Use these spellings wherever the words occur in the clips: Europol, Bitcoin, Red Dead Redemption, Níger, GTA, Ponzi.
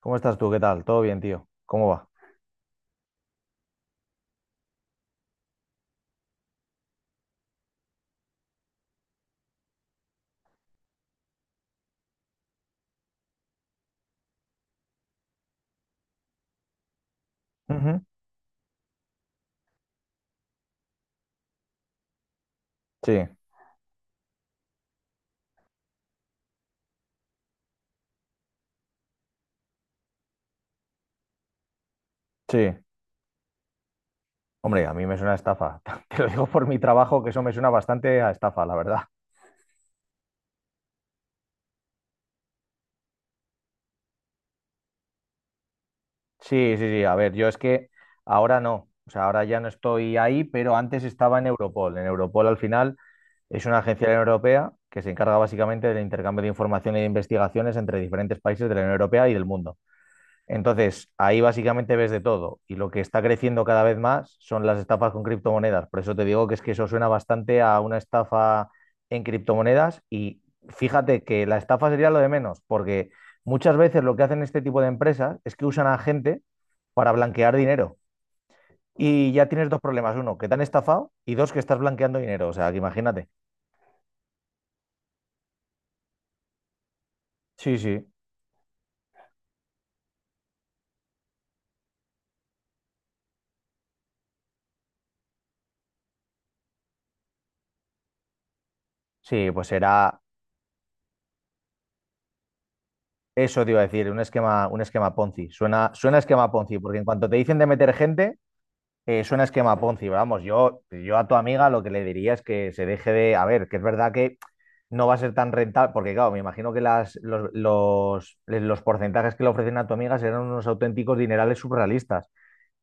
¿Cómo estás tú? ¿Qué tal? ¿Todo bien, tío? ¿Cómo va? Ujú. Sí, sí. Hombre, a mí me suena a estafa. Te lo digo por mi trabajo, que eso me suena bastante a estafa, la verdad. Sí, sí, sí. A ver, yo es que ahora no. O sea, ahora ya no estoy ahí, pero antes estaba en Europol. En Europol, al final, es una agencia europea que se encarga básicamente del intercambio de información e investigaciones entre diferentes países de la Unión Europea y del mundo. Entonces, ahí básicamente ves de todo y lo que está creciendo cada vez más son las estafas con criptomonedas. Por eso te digo que es que eso suena bastante a una estafa en criptomonedas y fíjate que la estafa sería lo de menos, porque muchas veces lo que hacen este tipo de empresas es que usan a gente para blanquear dinero y ya tienes dos problemas. Uno, que te han estafado y dos, que estás blanqueando dinero. O sea, que imagínate. Sí, sí. Sí, pues será eso, te iba a decir, un esquema Ponzi. Suena a esquema Ponzi, porque en cuanto te dicen de meter gente. Suena esquema Ponzi, pero vamos, yo a tu amiga lo que le diría es que se deje de, a ver, que es verdad que no va a ser tan rentable, porque claro, me imagino que los porcentajes que le ofrecen a tu amiga serán unos auténticos dinerales surrealistas.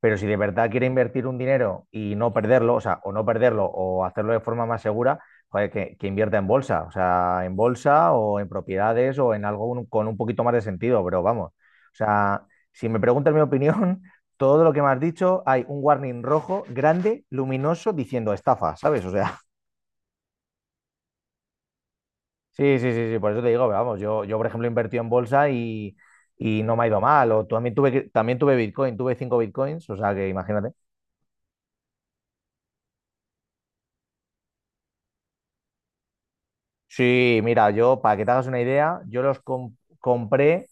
Pero si de verdad quiere invertir un dinero y no perderlo, o sea, o no perderlo o hacerlo de forma más segura, joder, que invierta en bolsa, o sea, en bolsa o en propiedades o en algo con un poquito más de sentido, pero vamos. O sea, si me preguntas mi opinión, todo lo que me has dicho, hay un warning rojo, grande, luminoso, diciendo estafa, ¿sabes? O sea, sí, sí, sí, sí, por eso te digo, vamos, yo por ejemplo, he invertido en bolsa y no me ha ido mal, o también tuve Bitcoin, tuve 5 Bitcoins, o sea, que imagínate. Sí, mira, yo, para que te hagas una idea, yo los compré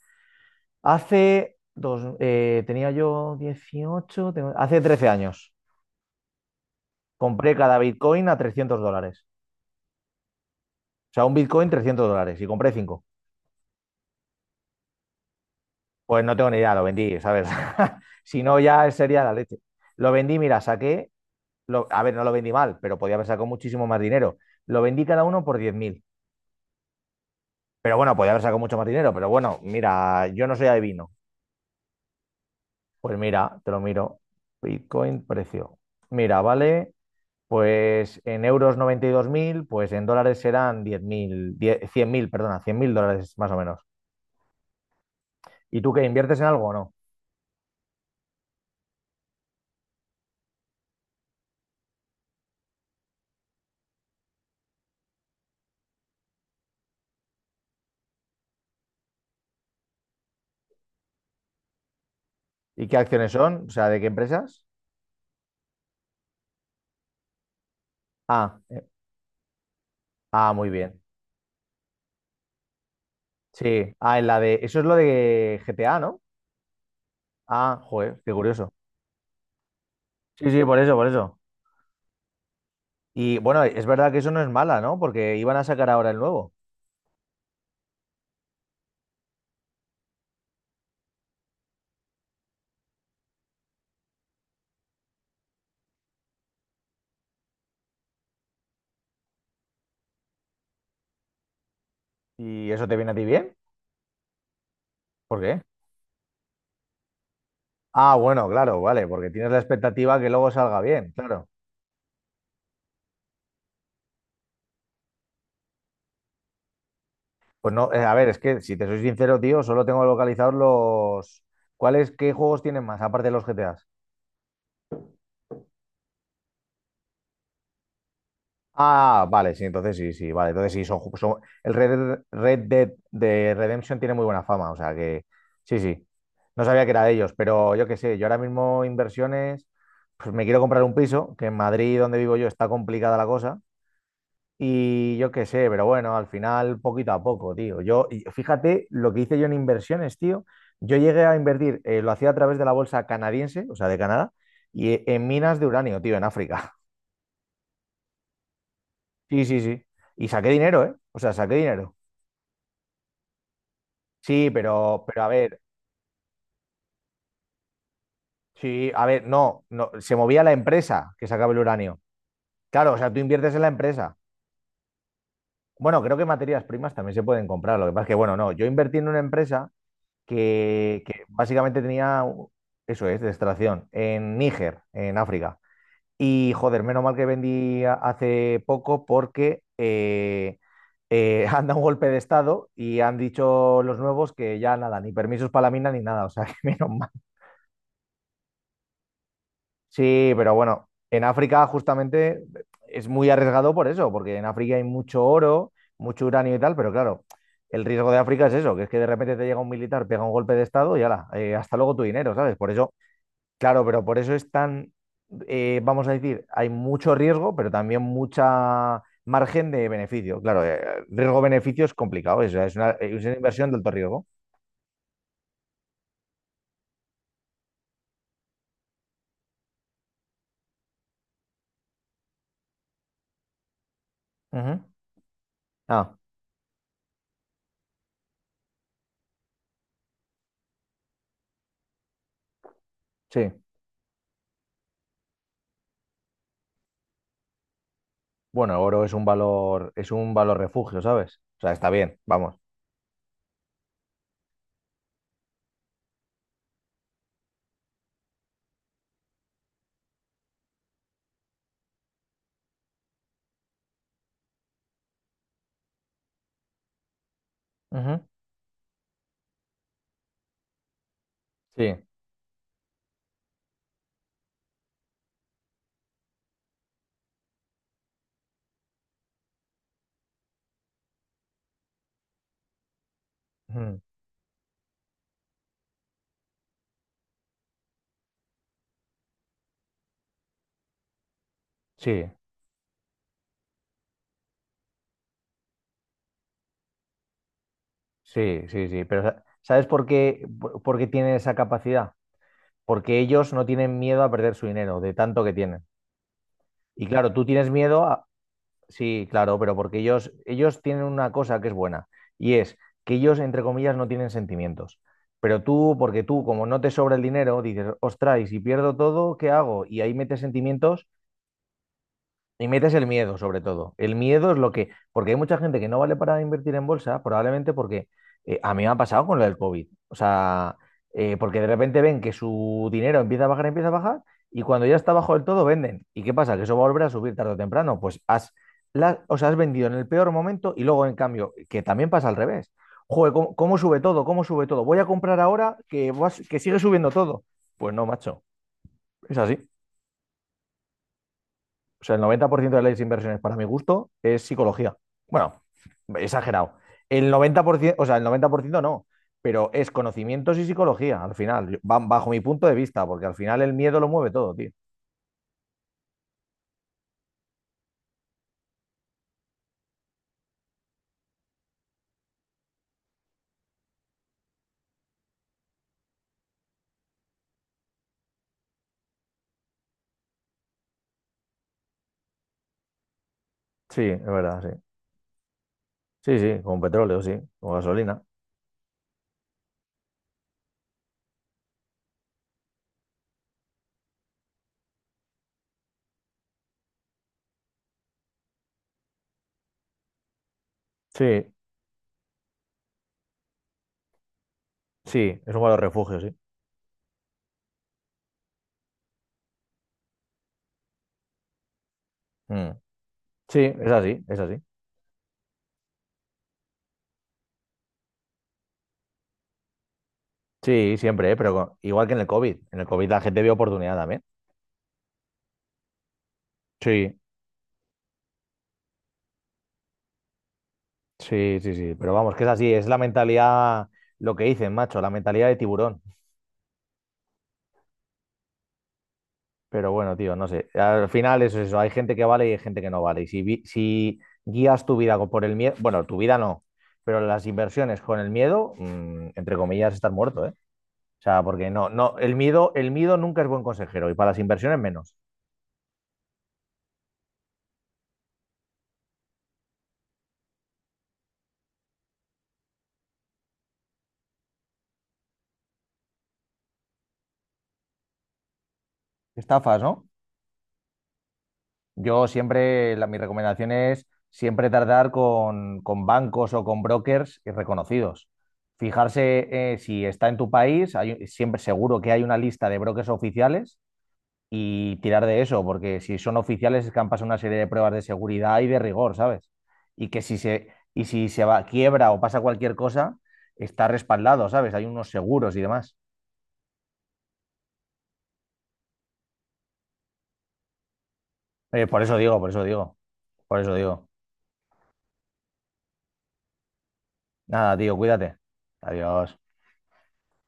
tenía yo 18, hace 13 años. Compré cada Bitcoin a $300. O sea, un Bitcoin $300 y compré cinco. Pues no tengo ni idea, lo vendí, ¿sabes? Si no, ya sería la leche. Lo vendí, mira, saqué, a ver, no lo vendí mal, pero podía haber sacado muchísimo más dinero. Lo vendí cada uno por diez mil. Pero bueno, podía haber sacado mucho más dinero, pero bueno, mira, yo no soy adivino. Pues mira, te lo miro. Bitcoin, precio. Mira, vale, pues en euros 92.000. Pues en dólares serán 10.000, 100.000. Perdona, $100.000 más o menos. ¿Y tú qué inviertes en algo o no? ¿Y qué acciones son? O sea, ¿de qué empresas? Ah, eh, ah, muy bien. Sí, ah, en la de, eso es lo de GTA, ¿no? Ah, joder, qué curioso. Sí, sí, por eso, por eso. Y bueno, es verdad que eso no es mala, ¿no? Porque iban a sacar ahora el nuevo. ¿Y eso te viene a ti bien? ¿Por qué? Ah, bueno, claro, vale, porque tienes la expectativa que luego salga bien, claro. Pues no, a ver, es que si te soy sincero, tío, solo tengo localizados los... ¿Qué juegos tienen más, aparte de los GTAs? Ah, vale, sí, entonces sí, sí, vale, entonces sí, el Red Dead de Redemption tiene muy buena fama, o sea que sí, sí, no sabía que era de ellos, pero yo qué sé, yo ahora mismo inversiones, pues me quiero comprar un piso, que en Madrid, donde vivo yo, está complicada la cosa. Y yo qué sé, pero bueno, al final poquito a poco, tío. Yo, y fíjate lo que hice yo en inversiones, tío. Yo llegué a invertir, lo hacía a través de la bolsa canadiense, o sea, de Canadá, y en minas de uranio, tío, en África. Sí, sí, sí. Y saqué dinero, ¿eh? O sea, saqué dinero. Sí, pero a ver, sí, a ver, no, no, se movía la empresa que sacaba el uranio. Claro, o sea, tú inviertes en la empresa. Bueno, creo que materias primas también se pueden comprar. Lo que pasa es que, bueno, no, yo invertí en una empresa que básicamente tenía, eso es, de extracción, en Níger, en África. Y joder, menos mal que vendí hace poco porque han dado un golpe de estado y han dicho los nuevos que ya nada, ni permisos para la mina ni nada, o sea, que menos mal. Sí, pero bueno, en África justamente es muy arriesgado por eso, porque en África hay mucho oro, mucho uranio y tal, pero claro, el riesgo de África es eso, que es que de repente te llega un militar, pega un golpe de estado y ala, hasta luego tu dinero, ¿sabes? Por eso claro, pero por eso es tan, vamos a decir, hay mucho riesgo, pero también mucha margen de beneficio. Claro, riesgo-beneficio es complicado, es una inversión de alto riesgo. Ujú. Ah, sí. Bueno, el oro es un valor refugio, ¿sabes? O sea, está bien, vamos. Ujú. Sí, ujú. Sí, sí, sí, sí. Pero ¿sabes por qué, por qué tienen esa capacidad? Porque ellos no tienen miedo a perder su dinero, de tanto que tienen. Y claro, tú tienes miedo. Sí, claro, pero porque ellos tienen una cosa que es buena y es que ellos, entre comillas, no tienen sentimientos. Pero tú, porque tú, como no te sobra el dinero, dices, ostras, y si pierdo todo, ¿qué hago? Y ahí metes sentimientos y metes el miedo, sobre todo. El miedo es lo que, porque hay mucha gente que no vale para invertir en bolsa, probablemente porque a mí me ha pasado con lo del COVID. O sea, porque de repente ven que su dinero empieza a bajar, y cuando ya está bajo del todo, venden. ¿Y qué pasa? Que eso va a volver a subir tarde o temprano. Pues has, o sea, has vendido en el peor momento y luego, en cambio, que también pasa al revés. Joder, ¿cómo sube todo? ¿Cómo sube todo? Voy a comprar ahora que, va que sigue subiendo todo. Pues no, macho. Es así. O sea, el 90% de las inversiones, para mi gusto, es psicología. Bueno, exagerado. El 90%, o sea, el 90% no, pero es conocimientos y psicología, al final, bajo mi punto de vista, porque al final el miedo lo mueve todo, tío. Sí, es verdad, sí. Sí, sí, con petróleo, sí, con gasolina. Sí, sí, es un valor refugio, sí. Mm. Sí, es así, es así. Sí, siempre, ¿eh? Pero igual que en el COVID. En el COVID la gente vio oportunidad también. Sí, sí, sí, sí. Pero vamos, que es así, es la mentalidad, lo que dicen, macho, la mentalidad de tiburón. Pero bueno, tío, no sé. Al final eso es eso. Hay gente que vale y hay gente que no vale. Y si, si guías tu vida con por el miedo, bueno, tu vida no, pero las inversiones con el miedo, mm, entre comillas, estás muerto, ¿eh? O sea, porque no, no, el miedo nunca es buen consejero y para las inversiones menos. Estafas, ¿no? Yo siempre, mi recomendación es siempre tardar con bancos o con brokers y reconocidos. Fijarse si está en tu país, siempre seguro que hay una lista de brokers oficiales y tirar de eso, porque si son oficiales es que han pasado una serie de pruebas de seguridad y de rigor, ¿sabes? Y que si se, y si se va, quiebra o pasa cualquier cosa, está respaldado, ¿sabes? Hay unos seguros y demás. Por eso digo, por eso digo, por eso digo. Nada, tío, cuídate. Adiós.